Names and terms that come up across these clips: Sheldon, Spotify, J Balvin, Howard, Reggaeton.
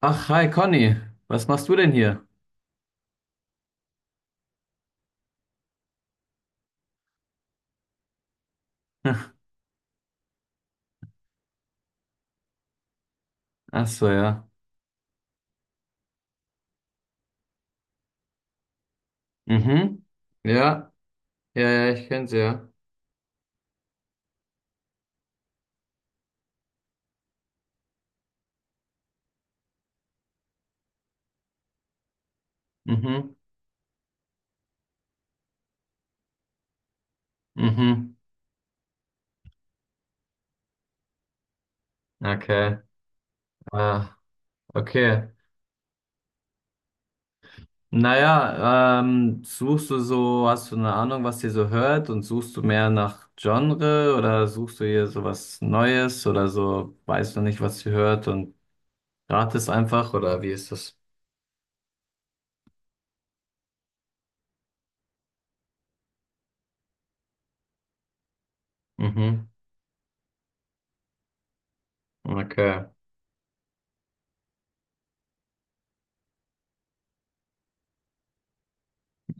Ach, hi Conny, was machst du denn hier? Ach so, ja. Mhm. Ja, ja, ja, ich kenn's ja. Mhm. Mhm. Okay. Ah, okay. Naja, suchst du so, hast du eine Ahnung, was ihr so hört, und suchst du mehr nach Genre oder suchst du hier so was Neues oder so, weißt du nicht, was ihr hört und ratest einfach, oder wie ist das? Mhm. Okay.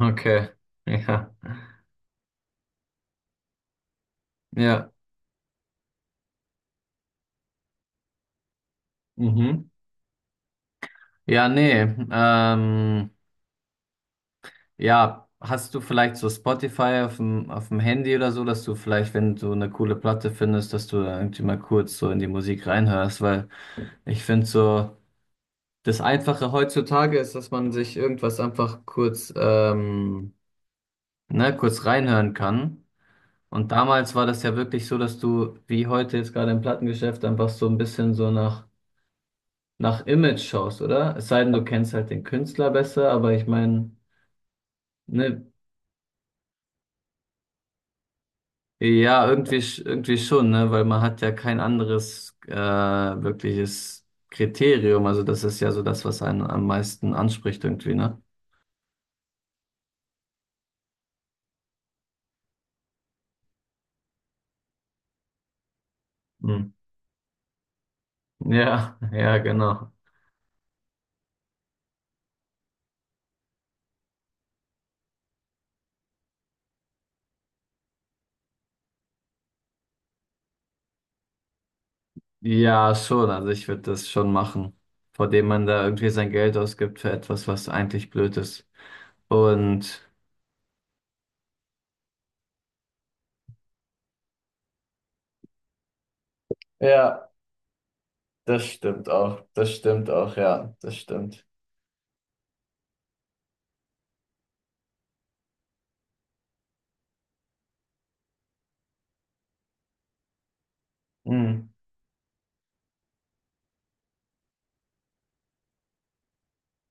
Okay. Ja. Ja. Mhm. Ja, nee. Ähm, ja, hast du vielleicht so Spotify auf dem Handy oder so, dass du vielleicht, wenn du eine coole Platte findest, dass du da irgendwie mal kurz so in die Musik reinhörst, weil ich finde so, das Einfache heutzutage ist, dass man sich irgendwas einfach kurz, ne, kurz reinhören kann. Und damals war das ja wirklich so, dass du, wie heute jetzt gerade im Plattengeschäft, einfach so ein bisschen so nach Image schaust, oder? Es sei denn, du kennst halt den Künstler besser, aber ich meine, ne, ja, irgendwie, irgendwie schon, ne? Weil man hat ja kein anderes wirkliches Kriterium. Also das ist ja so das, was einen am meisten anspricht irgendwie, ne? Hm. Ja, ja, genau. Ja, schon. Also ich würde das schon machen, vor dem man da irgendwie sein Geld ausgibt für etwas, was eigentlich blöd ist. Und ja, das stimmt auch. Das stimmt auch, ja, das stimmt. Hm.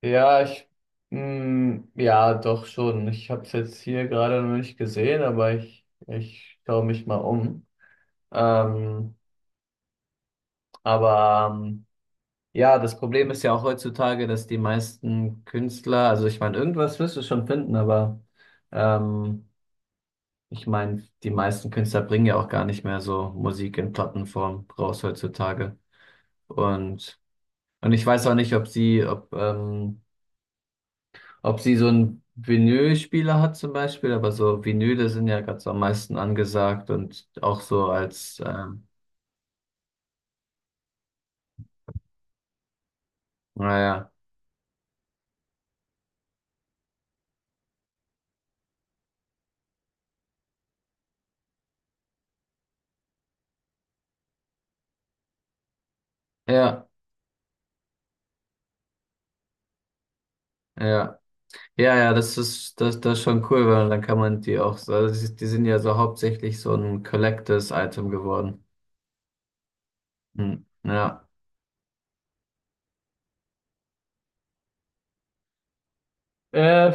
Ja, ich, mh, ja, doch schon. Ich habe es jetzt hier gerade noch nicht gesehen, aber ich schaue mich mal um. Ähm, aber ja, das Problem ist ja auch heutzutage, dass die meisten Künstler, also ich meine, irgendwas wirst du schon finden, aber ähm, ich meine, die meisten Künstler bringen ja auch gar nicht mehr so Musik in Plattenform raus heutzutage. Und, und ich weiß auch nicht, ob sie, ob ob sie so einen Vinylspieler hat zum Beispiel, aber so Vinyle sind ja gerade so am meisten angesagt und auch so als, naja, ja, ja, ja, ja, ja, das ist, das ist schon cool, weil dann kann man die auch so, also die sind ja so hauptsächlich so ein Collectors-Item geworden. Hm, ja. Äh,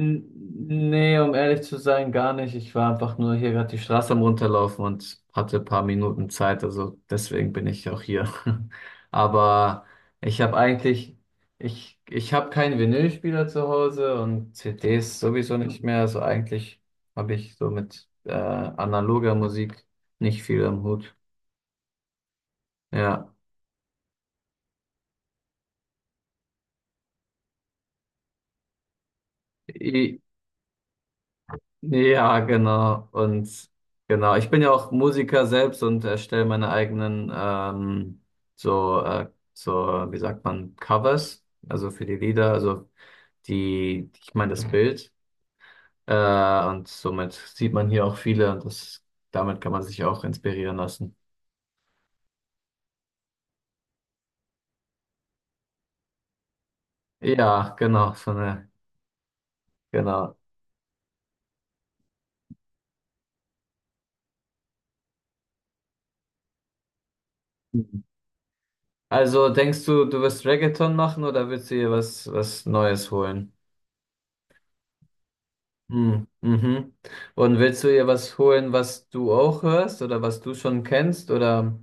nee, um ehrlich zu sein, gar nicht. Ich war einfach nur hier gerade die Straße am Runterlaufen und hatte ein paar Minuten Zeit, also deswegen bin ich auch hier. Aber ich habe eigentlich, ich habe keinen Vinylspieler zu Hause und CDs sowieso nicht mehr. Also eigentlich habe ich so mit analoger Musik nicht viel am Hut. Ja. I- ja, genau. Und genau, ich bin ja auch Musiker selbst und erstelle meine eigenen so, so, wie sagt man, Covers, also für die Lieder, also die, ich meine das Bild. Und somit sieht man hier auch viele und das, damit kann man sich auch inspirieren lassen. Ja, genau, so eine, genau. Mhm. Also denkst du, du wirst Reggaeton machen oder willst du dir was, was Neues holen? Hm, mhm. Und willst du ihr was holen, was du auch hörst oder was du schon kennst oder?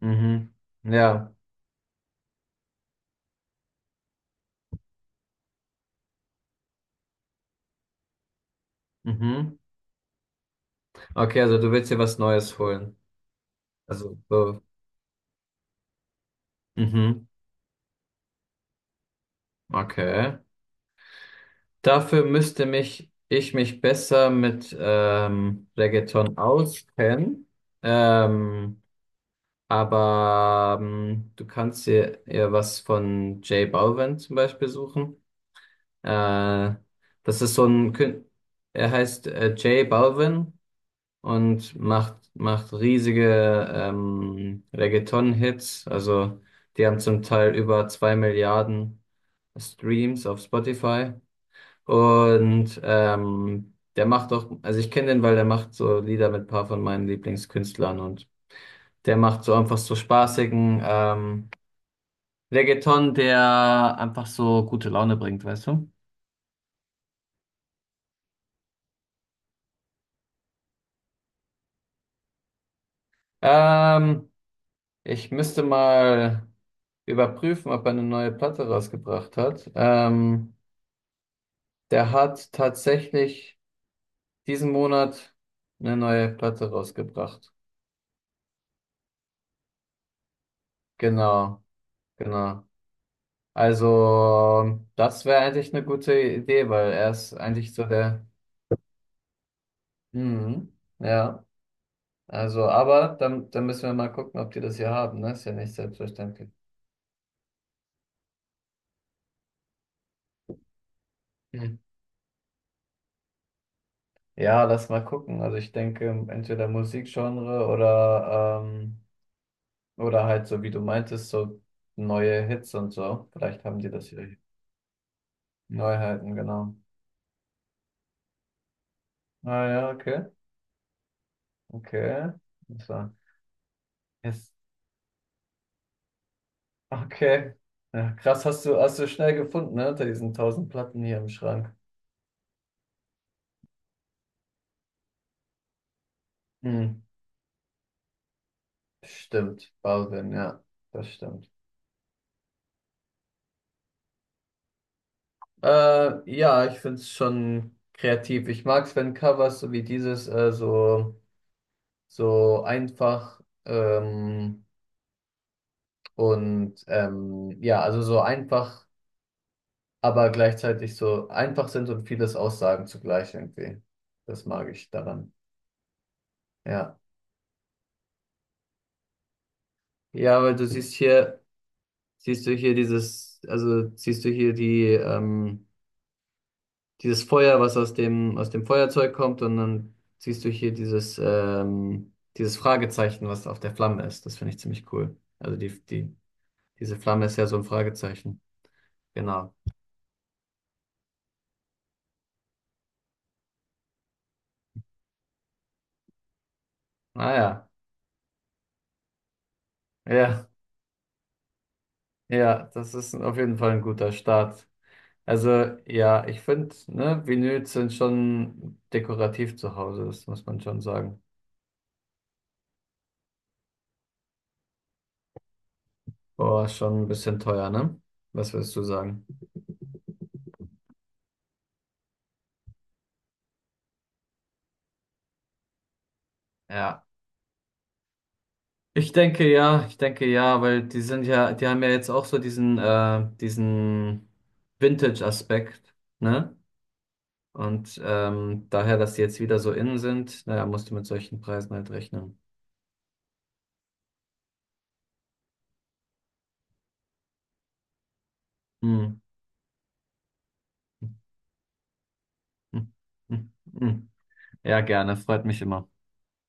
Mhm. Ja. Mhm. Okay, also du willst ihr was Neues holen. Also so. Mhm. Okay. Dafür müsste mich ich mich besser mit Reggaeton auskennen. Ähm, aber du kannst ihr was von J Balvin zum Beispiel suchen. Äh, das ist so ein, Kün- er heißt J Balvin und macht riesige Reggaeton-Hits. Also die haben zum Teil über 2 Milliarden Streams auf Spotify. Und der macht auch, also ich kenne den, weil der macht so Lieder mit ein paar von meinen Lieblingskünstlern, und der macht so einfach so spaßigen Reggaeton, der einfach so gute Laune bringt, weißt du? Ähm, Ich müsste mal überprüfen, ob er eine neue Platte rausgebracht hat. Der hat tatsächlich diesen Monat eine neue Platte rausgebracht. Genau, genau. Also, das wäre eigentlich eine gute Idee, weil er ist eigentlich so der. Mhm, ja, also, aber dann müssen wir mal gucken, ob die das hier haben, ne? Ist ja nicht selbstverständlich. Mhm. Ja, lass mal gucken. Also, ich denke, entweder Musikgenre oder. Oder halt so, wie du meintest, so neue Hits und so. Vielleicht haben die das hier. Neuheiten, genau. Ah ja, okay. Okay. So. Yes. Okay. Ja, krass, hast du schnell gefunden, ne? Unter diesen tausend Platten hier im Schrank. Hm. Stimmt, Balvin, ja, das stimmt. Ja, ich finde es schon kreativ. Ich mag es, wenn Covers so wie dieses so, so einfach und ja, also so einfach aber gleichzeitig so einfach sind und vieles aussagen zugleich irgendwie. Das mag ich daran. Ja. Ja, weil du siehst hier, siehst du hier dieses, also siehst du hier die, dieses Feuer, was aus aus dem Feuerzeug kommt, und dann siehst du hier dieses, dieses Fragezeichen, was auf der Flamme ist. Das finde ich ziemlich cool. Also die, diese Flamme ist ja so ein Fragezeichen. Genau. Ah ja. Ja, ja, das ist auf jeden Fall ein guter Start. Also ja, ich finde, ne, Vinyls sind schon dekorativ zu Hause, das muss man schon sagen. Boah, schon ein bisschen teuer, ne? Was würdest du sagen? Ja. Ich denke ja, ich denke ja, weil die sind ja, die haben ja jetzt auch so diesen, diesen Vintage-Aspekt, ne? Und daher, dass die jetzt wieder so innen sind, naja, musst du mit solchen Preisen halt rechnen. Hm. Hm. Hm. Hm. Ja, gerne, freut mich immer.